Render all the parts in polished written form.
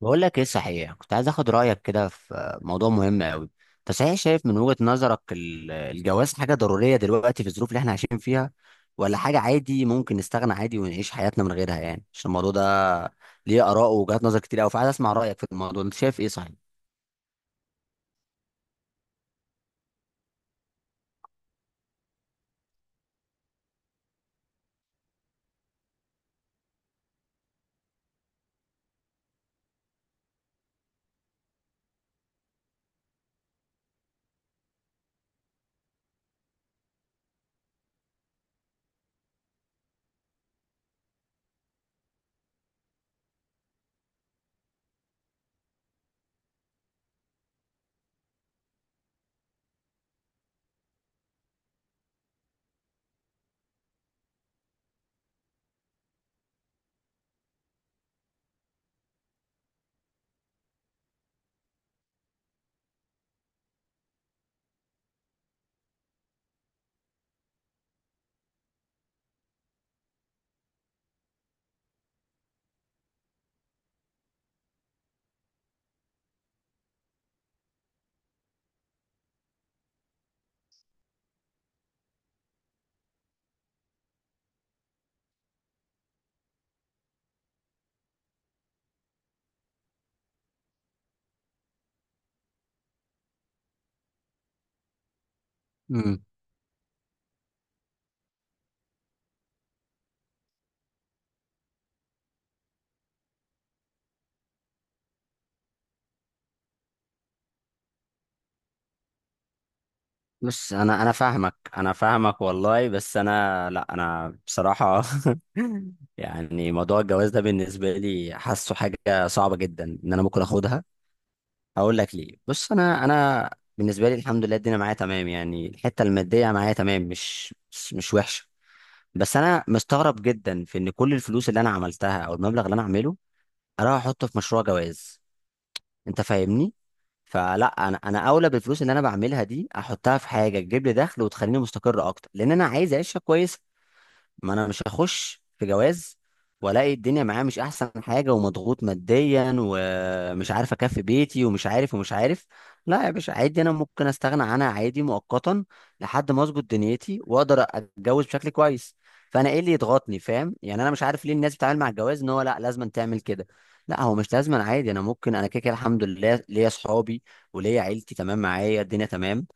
بقول لك ايه صحيح، كنت عايز اخد رايك كده في موضوع مهم قوي. انت صحيح شايف من وجهة نظرك الجواز حاجه ضروريه دلوقتي في الظروف اللي احنا عايشين فيها، ولا حاجه عادي ممكن نستغنى عادي ونعيش حياتنا من غيرها؟ عشان الموضوع ده ليه اراء ووجهات نظر كتير قوي، فعايز اسمع رايك في الموضوع، انت شايف ايه صحيح؟ امم بص، انا فاهمك، انا فاهمك والله، بس انا لا، انا بصراحه موضوع الجواز ده بالنسبه لي حاسه حاجه صعبه جدا ان انا ممكن اخدها. هقول لك ليه، بص انا بالنسبه لي الحمد لله الدنيا معايا تمام، الحته الماديه معايا تمام، مش وحشه. بس انا مستغرب جدا في ان كل الفلوس اللي انا عملتها، او المبلغ اللي انا عامله، اروح احطه في مشروع جواز؟ انت فاهمني؟ فلا، انا اولى بالفلوس اللي انا بعملها دي احطها في حاجه تجيب لي دخل وتخليني مستقر اكتر، لان انا عايز اعيش عيشه كويسه. ما انا مش هخش في جواز والاقي الدنيا معايا مش احسن حاجه، ومضغوط ماديا، ومش عارف اكفي بيتي، ومش عارف، ومش عارف. لا يا باشا، عادي انا ممكن استغنى عنها عادي مؤقتا، لحد ما اظبط دنيتي واقدر اتجوز بشكل كويس. فانا ايه اللي يضغطني؟ فاهم؟ انا مش عارف ليه الناس بتتعامل مع الجواز ان هو لا، لازم تعمل كده. لا، هو مش لازم، عادي. انا ممكن، انا كده كده الحمد لله ليا اصحابي وليا عيلتي، تمام، معايا الدنيا تمام.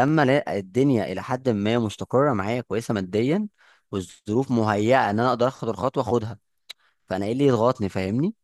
لما الاقي الدنيا الى حد ما مستقره معايا كويسه ماديا، والظروف مهيئه ان انا اقدر اخد الخطوه، اخدها. فانا ايه اللي يضغطني؟ فاهمني؟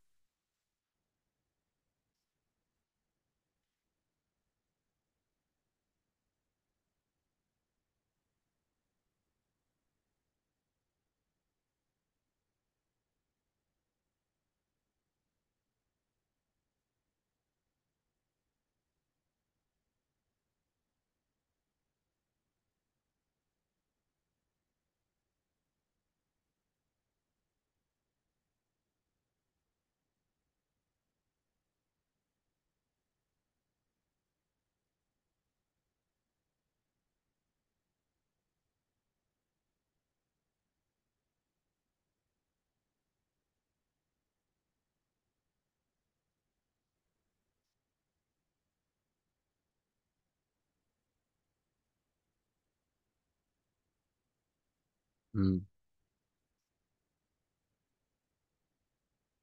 امم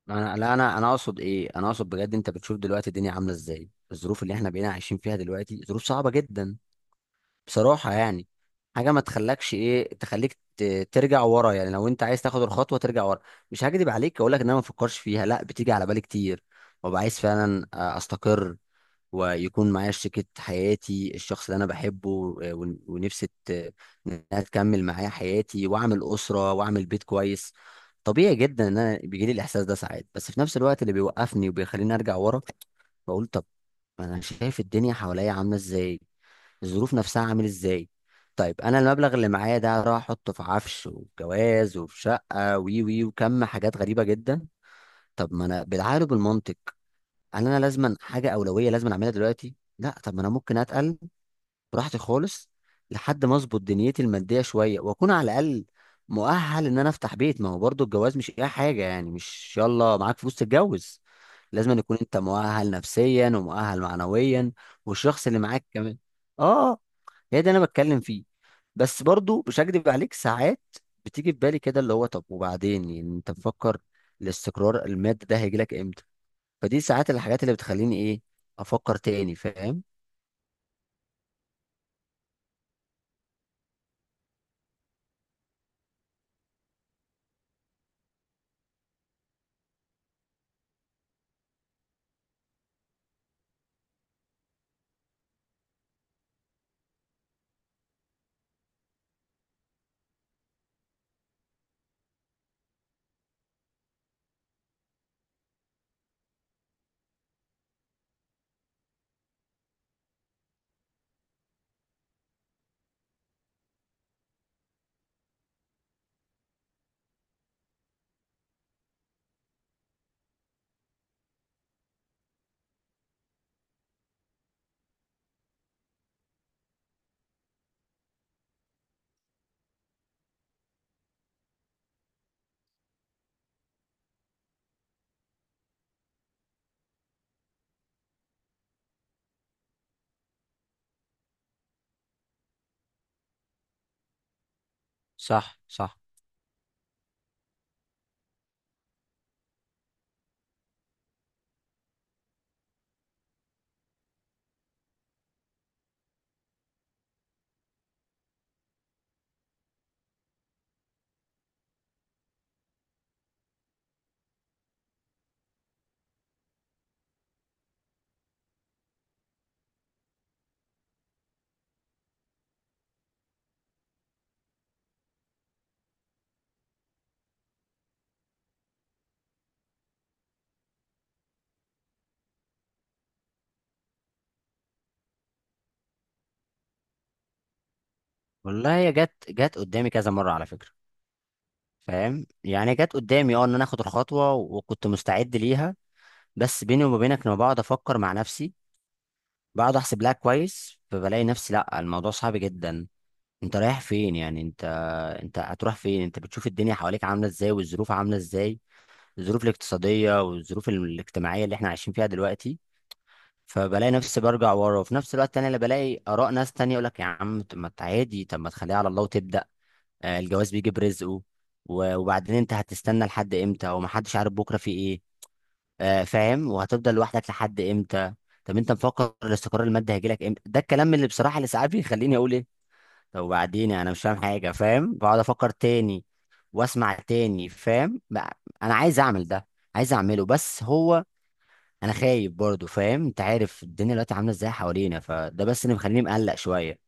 انا لا، انا اقصد ايه، انا اقصد بجد، انت بتشوف دلوقتي الدنيا عامله ازاي، الظروف اللي احنا بقينا عايشين فيها دلوقتي ظروف صعبه جدا بصراحه، حاجه ما تخلكش ايه، تخليك ترجع ورا، لو انت عايز تاخد الخطوه ترجع ورا. مش هكدب عليك، اقول لك ان انا ما بفكرش فيها، لا بتيجي على بالي كتير، وببقى عايز فعلا استقر ويكون معايا شريكة حياتي، الشخص اللي أنا بحبه، آه، ونفسي إنها تكمل معايا حياتي وأعمل أسرة وأعمل بيت كويس. طبيعي جدا إن أنا بيجيلي الإحساس ده ساعات، بس في نفس الوقت اللي بيوقفني وبيخليني أرجع ورا، بقول طب، ما أنا شايف الدنيا حواليا عاملة إزاي، الظروف نفسها عامل إزاي. طيب أنا المبلغ اللي معايا ده هروح أحطه في عفش وجواز وفي شقة وي وي وكم حاجات غريبة جدا؟ طب ما أنا بالعقل وبالمنطق، هل انا لازما حاجه اولويه لازما اعملها دلوقتي؟ لا، طب ما انا ممكن اتقل براحتي خالص لحد ما اظبط دنيتي الماديه شويه، واكون على الاقل مؤهل ان انا افتح بيت. ما هو برضو الجواز مش اي حاجه، مش يلا معاك فلوس تتجوز، لازم أن يكون انت مؤهل نفسيا ومؤهل معنويا، والشخص اللي معاك كمان. اه، هي ده انا بتكلم فيه. بس برضو مش هكدب عليك، ساعات بتيجي في بالي كده اللي هو طب وبعدين انت مفكر الاستقرار المادي ده هيجي لك امتى؟ فدي ساعات الحاجات اللي بتخليني ايه، افكر تاني، فاهم؟ صح صح. والله هي جت قدامي كذا مرة على فكرة، فاهم؟ جت قدامي، اه، ان انا اخد الخطوة وكنت مستعد ليها، بس بيني وما بينك لما بقعد افكر مع نفسي، بقعد احسب لها كويس، فبلاقي نفسي لا، الموضوع صعب جدا. انت رايح فين انت؟ انت هتروح فين؟ انت بتشوف الدنيا حواليك عاملة ازاي والظروف عاملة ازاي، الظروف الاقتصادية والظروف الاجتماعية اللي احنا عايشين فيها دلوقتي. فبلاقي نفسي برجع ورا، وفي نفس الوقت انا اللي بلاقي اراء ناس تانية يقول لك يا عم طب ما انت عادي، طب ما تخليها على الله وتبدا، آه، الجواز بيجي برزقه، وبعدين انت هتستنى لحد امتى؟ ومحدش عارف بكره في ايه، آه، فاهم؟ وهتفضل لوحدك لحد امتى؟ طب انت مفكر الاستقرار المادي هيجي لك امتى؟ ده الكلام اللي بصراحه اللي ساعات بيخليني اقول ايه، طب وبعدين انا مش فاهم حاجه، فاهم؟ بقعد افكر تاني واسمع تاني، فاهم؟ انا عايز اعمل ده، عايز اعمله، بس هو انا خايف برضو، فاهم؟ انت عارف الدنيا دلوقتي عامله ازاي حوالينا، فده بس اللي مخليني مقلق شويه.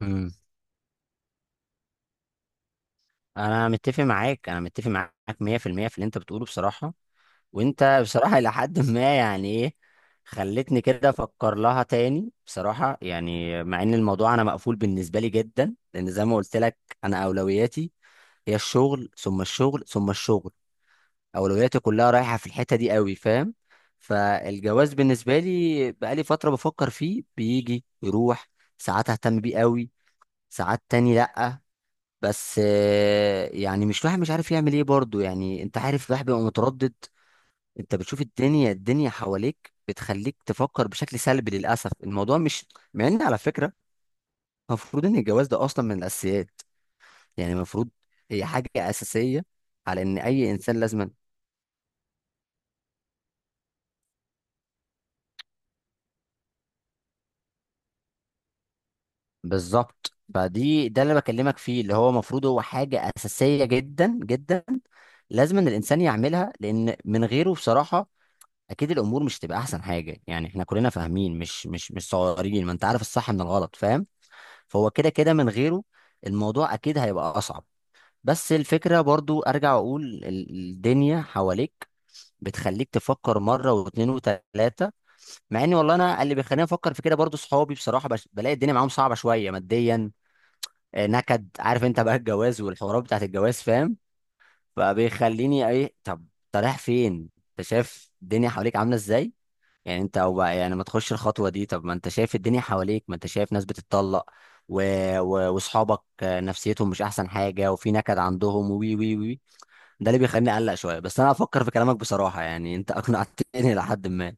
امم انا متفق معاك، انا متفق معاك 100% في المية في اللي انت بتقوله بصراحه. وانت بصراحه الى حد ما، ايه، خلتني كده افكر لها تاني بصراحه، مع ان الموضوع انا مقفول بالنسبه لي جدا، لان زي ما قلت لك انا اولوياتي هي الشغل ثم الشغل ثم الشغل، اولوياتي كلها رايحه في الحته دي قوي، فاهم؟ فالجواز بالنسبه لي بقالي فتره بفكر فيه، بيجي يروح، ساعات اهتم بيه قوي، ساعات تاني لا. بس آه، مش الواحد مش عارف يعمل ايه برضه، انت عارف الواحد بيبقى متردد. انت بتشوف الدنيا حواليك بتخليك تفكر بشكل سلبي للاسف. الموضوع مش، مع ان على فكره المفروض ان الجواز ده اصلا من الاساسيات، المفروض هي حاجه اساسيه على ان اي انسان لازم. بالظبط، فدي ده اللي بكلمك فيه، اللي هو المفروض هو حاجة أساسية جدا جدا، لازم إن الإنسان يعملها، لأن من غيره بصراحة أكيد الأمور مش تبقى أحسن حاجة، إحنا كلنا فاهمين، مش مش صغيرين، ما أنت عارف الصح من الغلط، فاهم؟ فهو كده كده من غيره الموضوع أكيد هيبقى أصعب. بس الفكرة برضو أرجع أقول الدنيا حواليك بتخليك تفكر مرة واتنين وتلاتة. مع إن والله أنا اللي بيخليني أفكر في كده برضو صحابي بصراحة، بلاقي الدنيا معاهم صعبة شوية ماديا، آه، نكد، عارف انت بقى الجواز والحوارات بتاعت الجواز، فاهم؟ فبيخليني ايه، طب انت رايح فين؟ انت شايف الدنيا حواليك عامله ازاي؟ انت او بقى ما تخش الخطوه دي، طب ما انت شايف الدنيا حواليك، ما انت شايف ناس بتتطلق، و... واصحابك آه، نفسيتهم مش احسن حاجه، وفي نكد عندهم، وي وي وي. ده اللي بيخليني اقلق شويه، بس انا هفكر في كلامك بصراحه، انت اقنعتني لحد ما.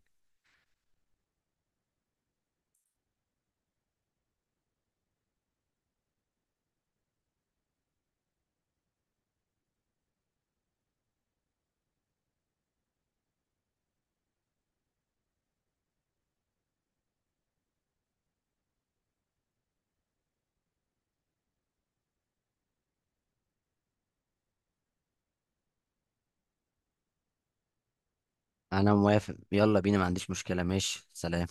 انا موافق، يلا بينا، ما عنديش مشكله، ماشي، سلام.